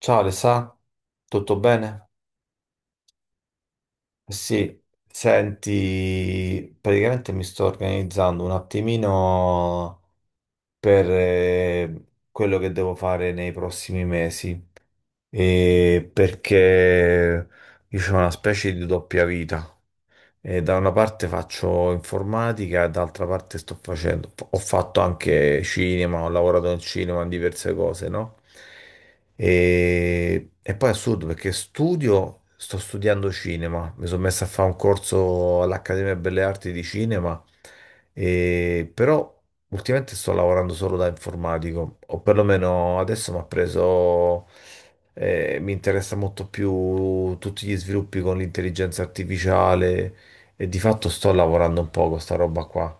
Ciao Alessà, tutto bene? Eh sì, senti, praticamente mi sto organizzando un attimino per quello che devo fare nei prossimi mesi, e perché io ho una specie di doppia vita. E da una parte faccio informatica, e dall'altra parte sto facendo, ho fatto anche cinema, ho lavorato in cinema, in diverse cose, no? E poi è assurdo perché studio, sto studiando cinema, mi sono messo a fare un corso all'Accademia Belle Arti di Cinema, e, però ultimamente sto lavorando solo da informatico, o perlomeno adesso mi ha preso. Mi interessa molto più tutti gli sviluppi con l'intelligenza artificiale, e di fatto sto lavorando un po' con sta roba qua.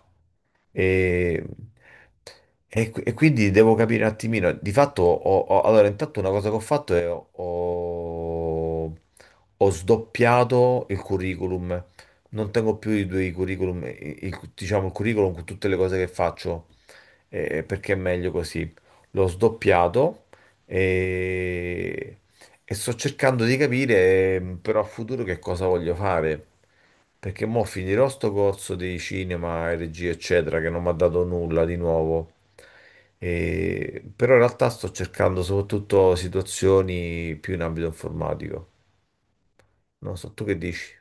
E, e quindi devo capire un attimino. Di fatto, allora, intanto una cosa che ho fatto è ho sdoppiato il curriculum. Non tengo più i due curriculum, diciamo il curriculum con tutte le cose che faccio, perché è meglio così. L'ho sdoppiato e sto cercando di capire però a futuro che cosa voglio fare, perché mo finirò sto corso di cinema e regia, eccetera, che non mi ha dato nulla di nuovo. Però in realtà sto cercando soprattutto situazioni più in ambito informatico. Non so, tu che dici?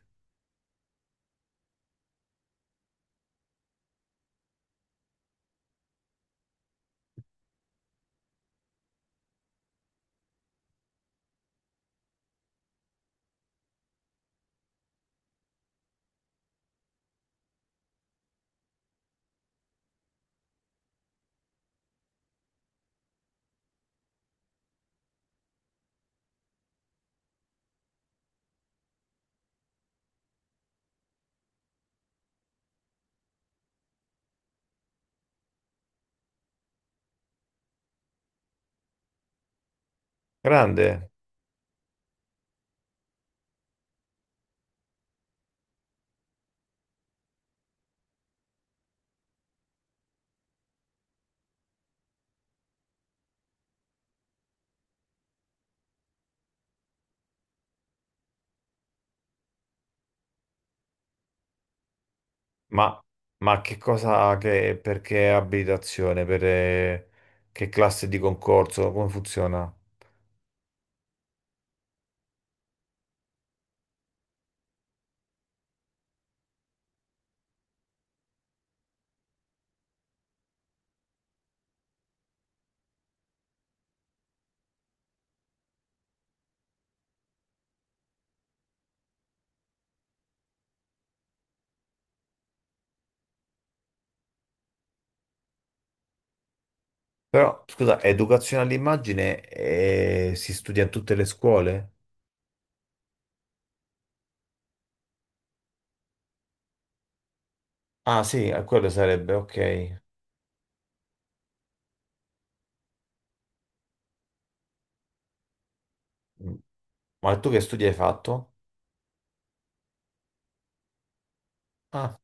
Grande. Ma, ma che cosa, perché abitazione, per che classe di concorso, come funziona? Però, scusa, educazione all'immagine si studia in tutte le scuole? Ah, sì, quello sarebbe, ok. Mm. Ma tu che studi hai fatto? Ah,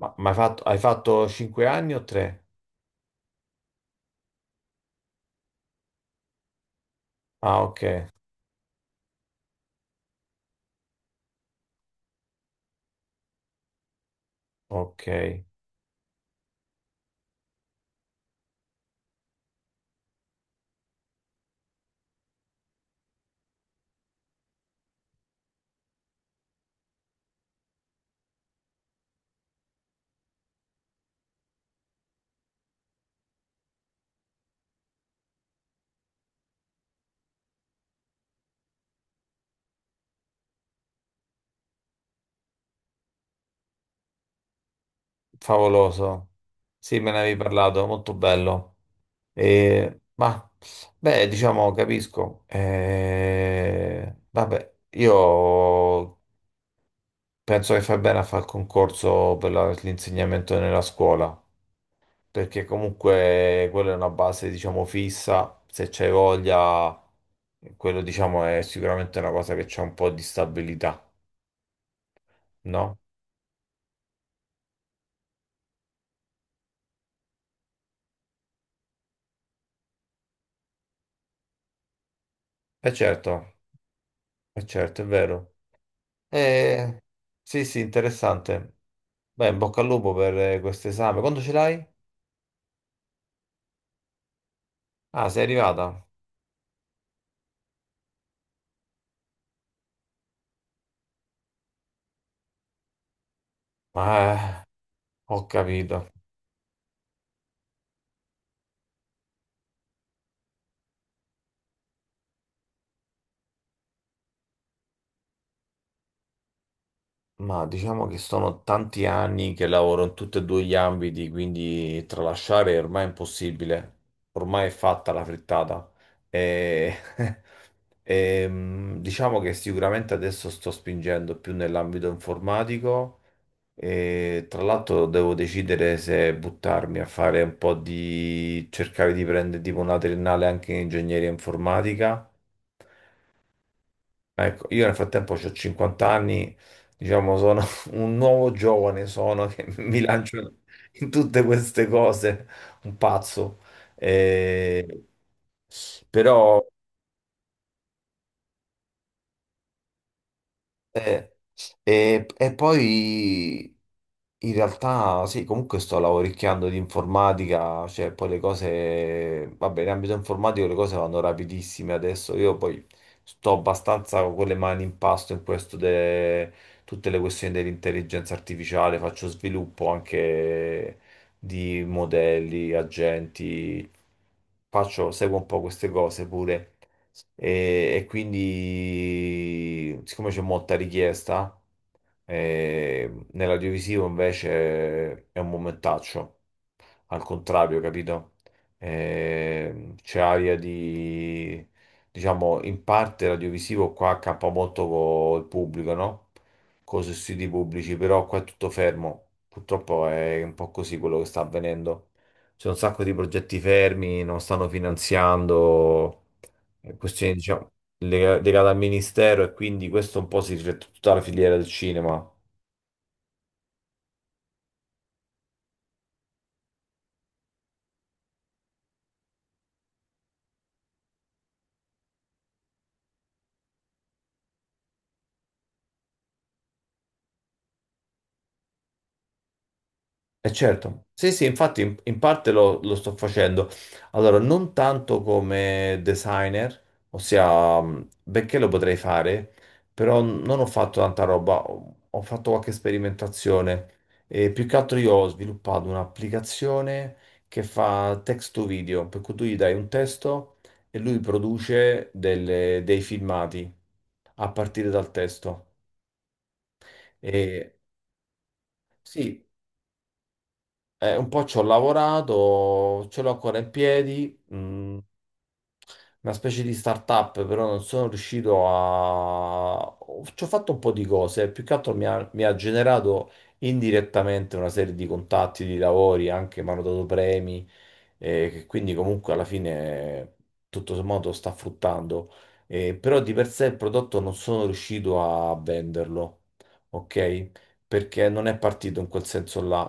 ma hai fatto 5 anni o 3? Ah, ok, ok. Favoloso. Sì, me ne avevi parlato, molto bello. E, ma, beh, diciamo, capisco. Vabbè, io penso che fai bene a fare il concorso per l'insegnamento nella scuola. Perché comunque quella è una base, diciamo, fissa, se c'hai voglia, quello, diciamo, è sicuramente una cosa che c'è un po' di stabilità, no? E certo, è vero. Eh, sì, sì, interessante. Beh, in bocca al lupo per questo esame. Quando ce l'hai? Ah, sei arrivata? Ah, ho capito. Ma diciamo che sono tanti anni che lavoro in tutti e due gli ambiti, quindi tralasciare è ormai impossibile. Ormai è fatta la frittata. E... diciamo che sicuramente adesso sto spingendo più nell'ambito informatico, e tra l'altro devo decidere se buttarmi a fare un po' di cercare di prendere tipo una triennale anche in ingegneria informatica. Ecco, io nel frattempo ho 50 anni, diciamo, sono un nuovo giovane, sono che mi lancio in tutte queste cose, un pazzo. Eh, Però, Eh, e poi in realtà sì, comunque sto lavoricchiando di informatica, cioè poi le cose, vabbè, in ambito informatico le cose vanno rapidissime adesso, io poi sto abbastanza con le mani in pasto in questo de tutte le questioni dell'intelligenza artificiale, faccio sviluppo anche di modelli, agenti, seguo un po' queste cose pure. E quindi, siccome c'è molta richiesta, nell'audiovisivo invece è un momentaccio, al contrario, capito? C'è aria di, diciamo, in parte l'audiovisivo qua accappa molto con il pubblico, no? Con i siti pubblici, però qua è tutto fermo. Purtroppo è un po' così quello che sta avvenendo. C'è un sacco di progetti fermi, non stanno finanziando questioni, diciamo, legate al ministero, e quindi questo un po' si riflette su tutta la filiera del cinema. Eh certo, sì sì, infatti in parte lo sto facendo. Allora, non tanto come designer, ossia, benché lo potrei fare, però non ho fatto tanta roba, ho fatto qualche sperimentazione, e più che altro io ho sviluppato un'applicazione che fa text to video, per cui tu gli dai un testo e lui produce dei filmati a partire dal testo. E sì. Un po' ci ho lavorato, ce l'ho ancora in piedi, una specie di startup, però non sono riuscito a... Ci ho fatto un po' di cose, più che altro mi ha generato indirettamente una serie di contatti, di lavori, anche mi hanno dato premi, che quindi comunque alla fine tutto sommato sta fruttando. Però di per sé il prodotto non sono riuscito a venderlo, ok? Perché non è partito in quel senso là,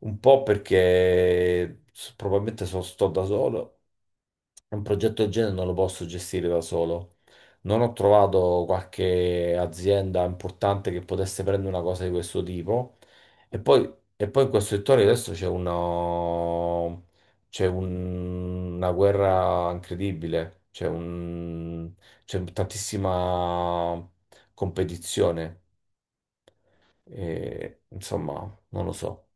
un po' perché probabilmente sto da solo un progetto del genere non lo posso gestire da solo. Non ho trovato qualche azienda importante che potesse prendere una cosa di questo tipo. E poi, e poi in questo settore adesso c'è una, c'è un- una guerra incredibile, c'è tantissima competizione. E, insomma, non lo so.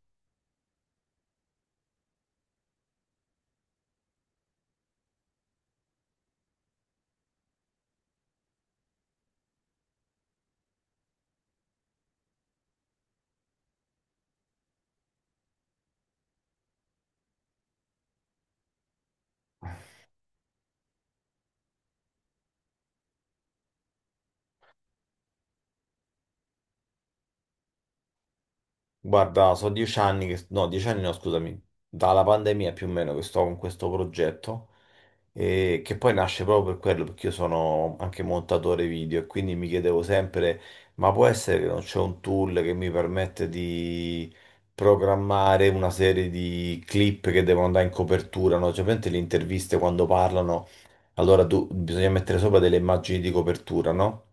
Guarda, sono 10 anni che, no, 10 anni no, scusami, dalla pandemia più o meno che sto con questo progetto, e che poi nasce proprio per quello, perché io sono anche montatore video e quindi mi chiedevo sempre, ma può essere che non c'è un tool che mi permette di programmare una serie di clip che devono andare in copertura, no? Cioè, praticamente le interviste quando parlano allora tu, bisogna mettere sopra delle immagini di copertura, no?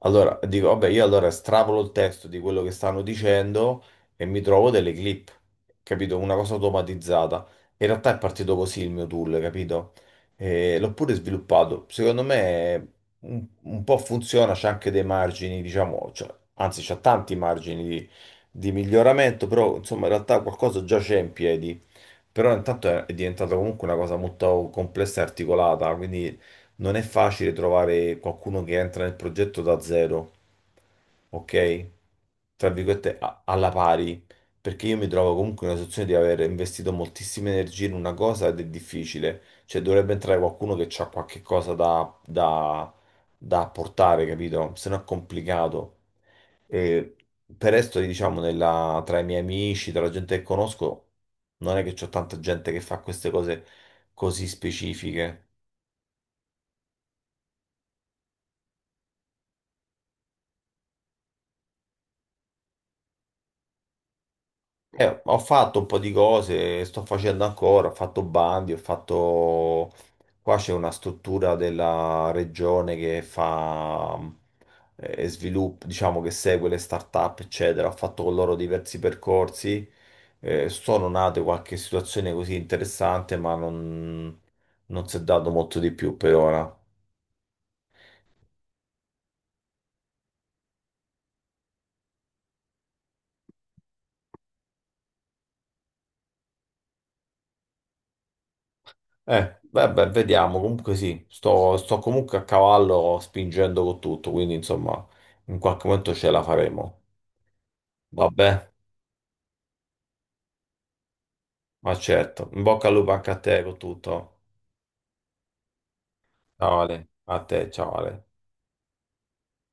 Allora dico, vabbè, io allora estrapolo il testo di quello che stanno dicendo e mi trovo delle clip, capito? Una cosa automatizzata. In realtà è partito così il mio tool, capito? E l'ho pure sviluppato. Secondo me un po' funziona, c'è anche dei margini, diciamo, cioè, anzi c'è tanti margini di miglioramento, però insomma in realtà qualcosa già c'è in piedi. Però intanto è diventata comunque una cosa molto complessa e articolata, quindi non è facile trovare qualcuno che entra nel progetto da zero, ok? Tra virgolette, alla pari, perché io mi trovo comunque in una situazione di aver investito moltissime energie in una cosa ed è difficile, cioè dovrebbe entrare qualcuno che ha qualche cosa da apportare, capito? Se no è complicato. E per resto, diciamo, tra i miei amici, tra la gente che conosco, non è che c'ho tanta gente che fa queste cose così specifiche. Ho fatto un po' di cose, sto facendo ancora, ho fatto bandi, ho fatto... Qua c'è una struttura della regione che fa sviluppo, diciamo che segue le start-up, eccetera. Ho fatto con loro diversi percorsi. Sono nate qualche situazione così interessante, ma non si è dato molto di più per ora. Vabbè, vediamo. Comunque sì, sto comunque a cavallo spingendo con tutto, quindi insomma, in qualche momento ce la faremo. Vabbè, ma certo. In bocca al lupo anche a te con tutto. Ciao Ale, a te, ciao Ale.